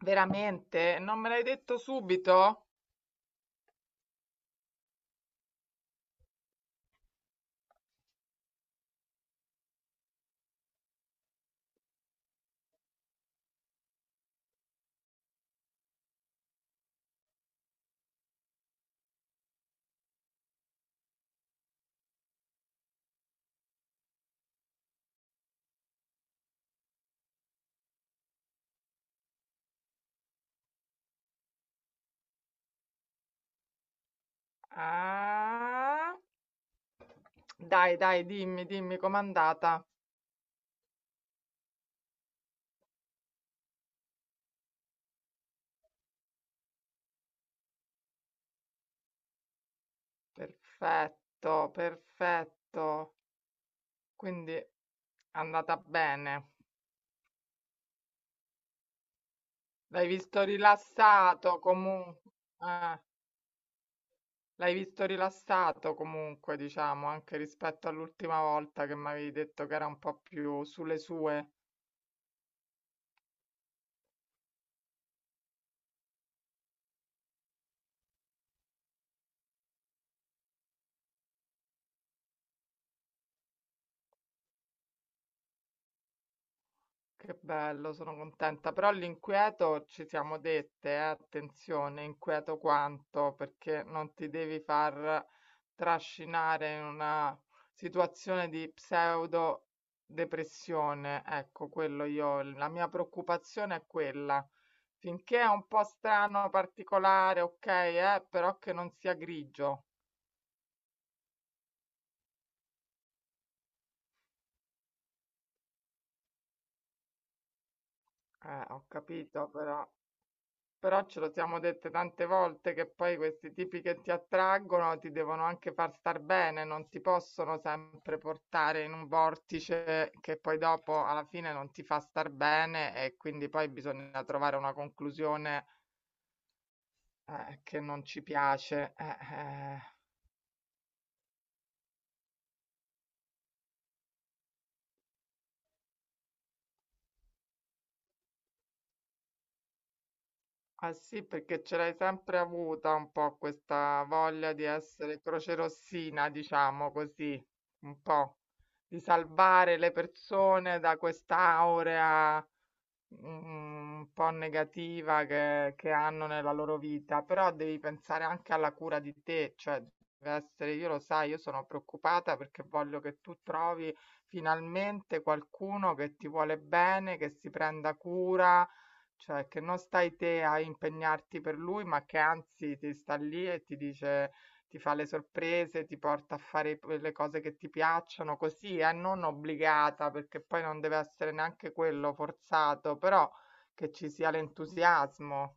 Veramente? Non me l'hai detto subito? Ah, dai, dai, dimmi, dimmi com'è andata. Perfetto, perfetto. Quindi è andata bene. L'hai visto rilassato comunque. L'hai visto rilassato comunque, diciamo, anche rispetto all'ultima volta che mi avevi detto che era un po' più sulle sue. Che bello, sono contenta, però l'inquieto ci siamo dette, attenzione, inquieto quanto, perché non ti devi far trascinare in una situazione di pseudo depressione. Ecco, quello io, la mia preoccupazione è quella. Finché è un po' strano, particolare, ok, però che non sia grigio. Ho capito, però. Però ce lo siamo dette tante volte che poi questi tipi che ti attraggono ti devono anche far star bene, non ti possono sempre portare in un vortice che poi dopo alla fine non ti fa star bene e quindi poi bisogna trovare una conclusione che non ci piace. Eh. Ah sì, perché ce l'hai sempre avuta un po' questa voglia di essere crocerossina, diciamo così, un po' di salvare le persone da quest'aurea mm, un po' negativa che hanno nella loro vita, però devi pensare anche alla cura di te, cioè deve essere, io lo sai, io sono preoccupata perché voglio che tu trovi finalmente qualcuno che ti vuole bene, che si prenda cura, cioè che non stai te a impegnarti per lui, ma che anzi ti sta lì e ti dice ti fa le sorprese, ti porta a fare le cose che ti piacciono, così, non obbligata, perché poi non deve essere neanche quello forzato, però che ci sia l'entusiasmo.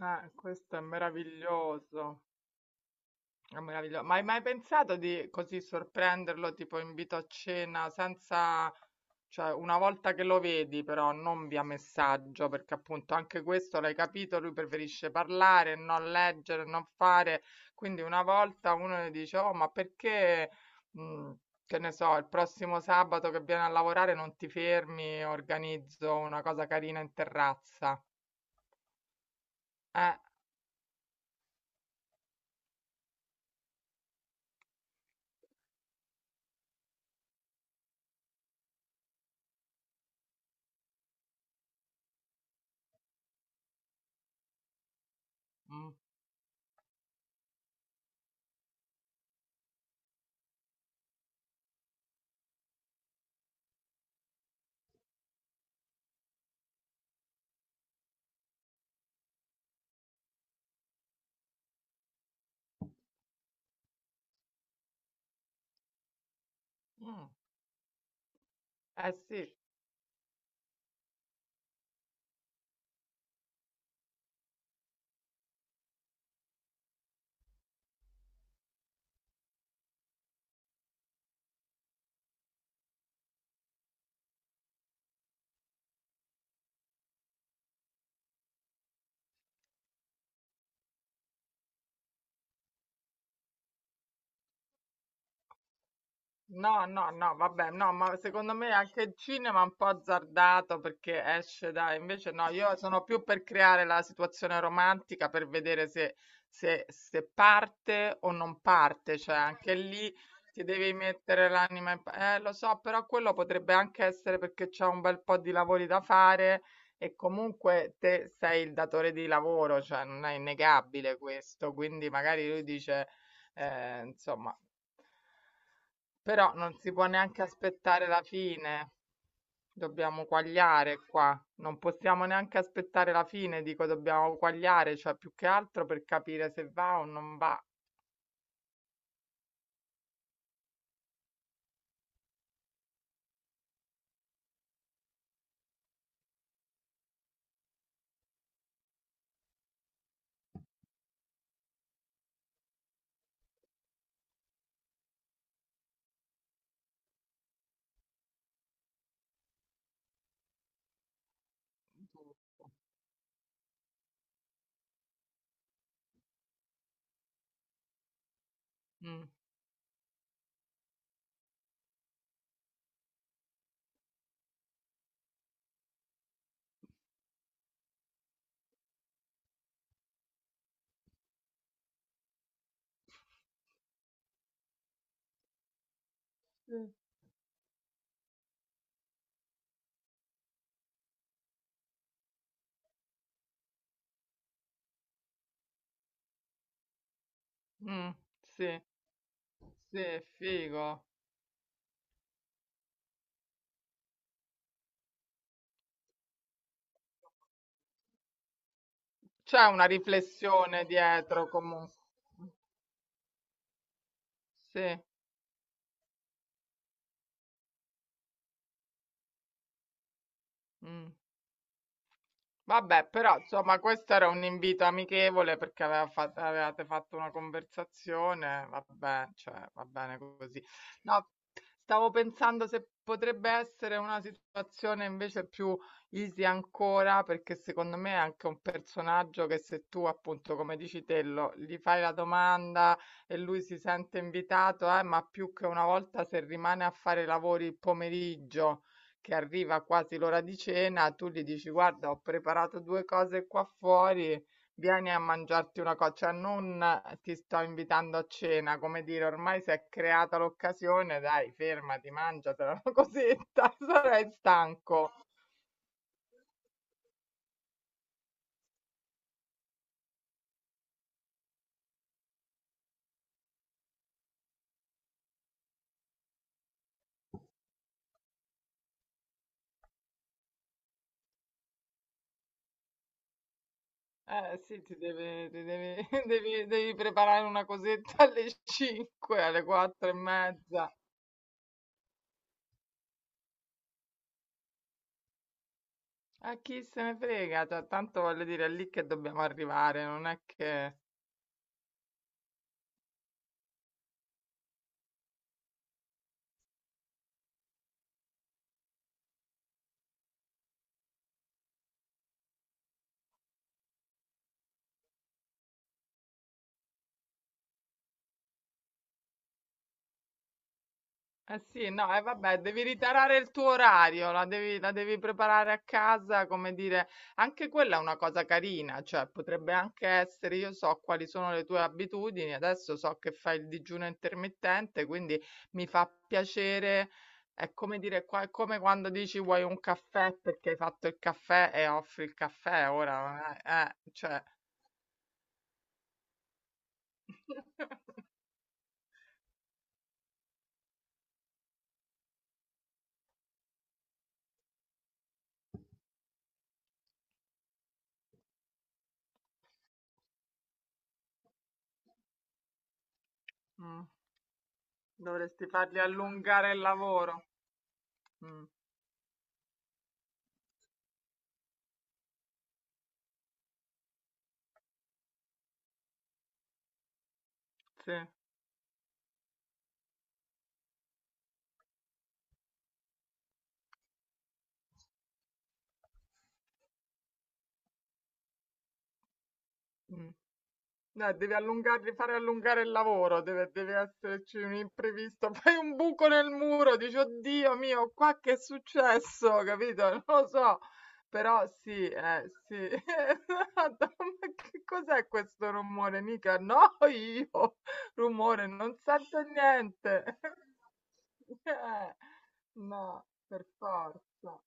Questo è meraviglioso. È meraviglioso. Ma hai mai pensato di così sorprenderlo, tipo invito a cena, senza... Cioè, una volta che lo vedi, però, non via messaggio, perché appunto anche questo l'hai capito, lui preferisce parlare, non leggere, non fare. Quindi una volta uno gli dice, oh, ma perché, mh, che ne so, il prossimo sabato che viene a lavorare non ti fermi, organizzo una cosa carina in terrazza. Eh, mm, mm, eh sì. No, no, no, vabbè, no, ma secondo me anche il cinema è un po' azzardato perché esce da... Invece no, io sono più per creare la situazione romantica per vedere se parte o non parte, cioè anche lì ti devi mettere l'anima in... lo so, però quello potrebbe anche essere perché c'è un bel po' di lavori da fare e comunque te sei il datore di lavoro, cioè non è innegabile questo, quindi magari lui dice... insomma, però non si può neanche aspettare la fine. Dobbiamo quagliare qua. Non possiamo neanche aspettare la fine, dico dobbiamo quagliare, cioè più che altro per capire se va o non va. Mm, mm, sì, sì, figo. C'è una riflessione dietro comunque. Sì. Mm. Vabbè, però insomma questo era un invito amichevole perché aveva avevate fatto una conversazione, vabbè, cioè, va bene così. No, stavo pensando se potrebbe essere una situazione invece più easy ancora, perché secondo me è anche un personaggio che se tu appunto, come dici te, gli fai la domanda e lui si sente invitato, ma più che una volta se rimane a fare lavori il pomeriggio che arriva quasi l'ora di cena, tu gli dici: "Guarda, ho preparato 2 cose qua fuori, vieni a mangiarti una co," cioè non "ti sto invitando a cena," come dire ormai s'è creata l'occasione, dai fermati, mangiatela una cosetta, sarai stanco. Eh sì, ti devi devi preparare una cosetta alle 5, alle 4 e mezza. A chi se ne frega, cioè tanto voglio dire è lì che dobbiamo arrivare, non è che... Eh sì, no, e vabbè, devi ritarare il tuo orario, la devi preparare a casa, come dire, anche quella è una cosa carina, cioè potrebbe anche essere, io so quali sono le tue abitudini, adesso so che fai il digiuno intermittente, quindi mi fa piacere, è come dire, è come quando dici vuoi un caffè perché hai fatto il caffè e offri il caffè, ora, cioè, Mm, dovresti fargli allungare il lavoro. Mm, sì. Mh. No, devi allungarli fare allungare il lavoro, deve esserci un imprevisto, fai un buco nel muro, dici: "Oddio mio, qua che è successo?" Capito? Non lo so, però sì, sì. Esatto, ma che cos'è questo rumore? Mica no io, rumore, non sento niente. Eh, no, per forza.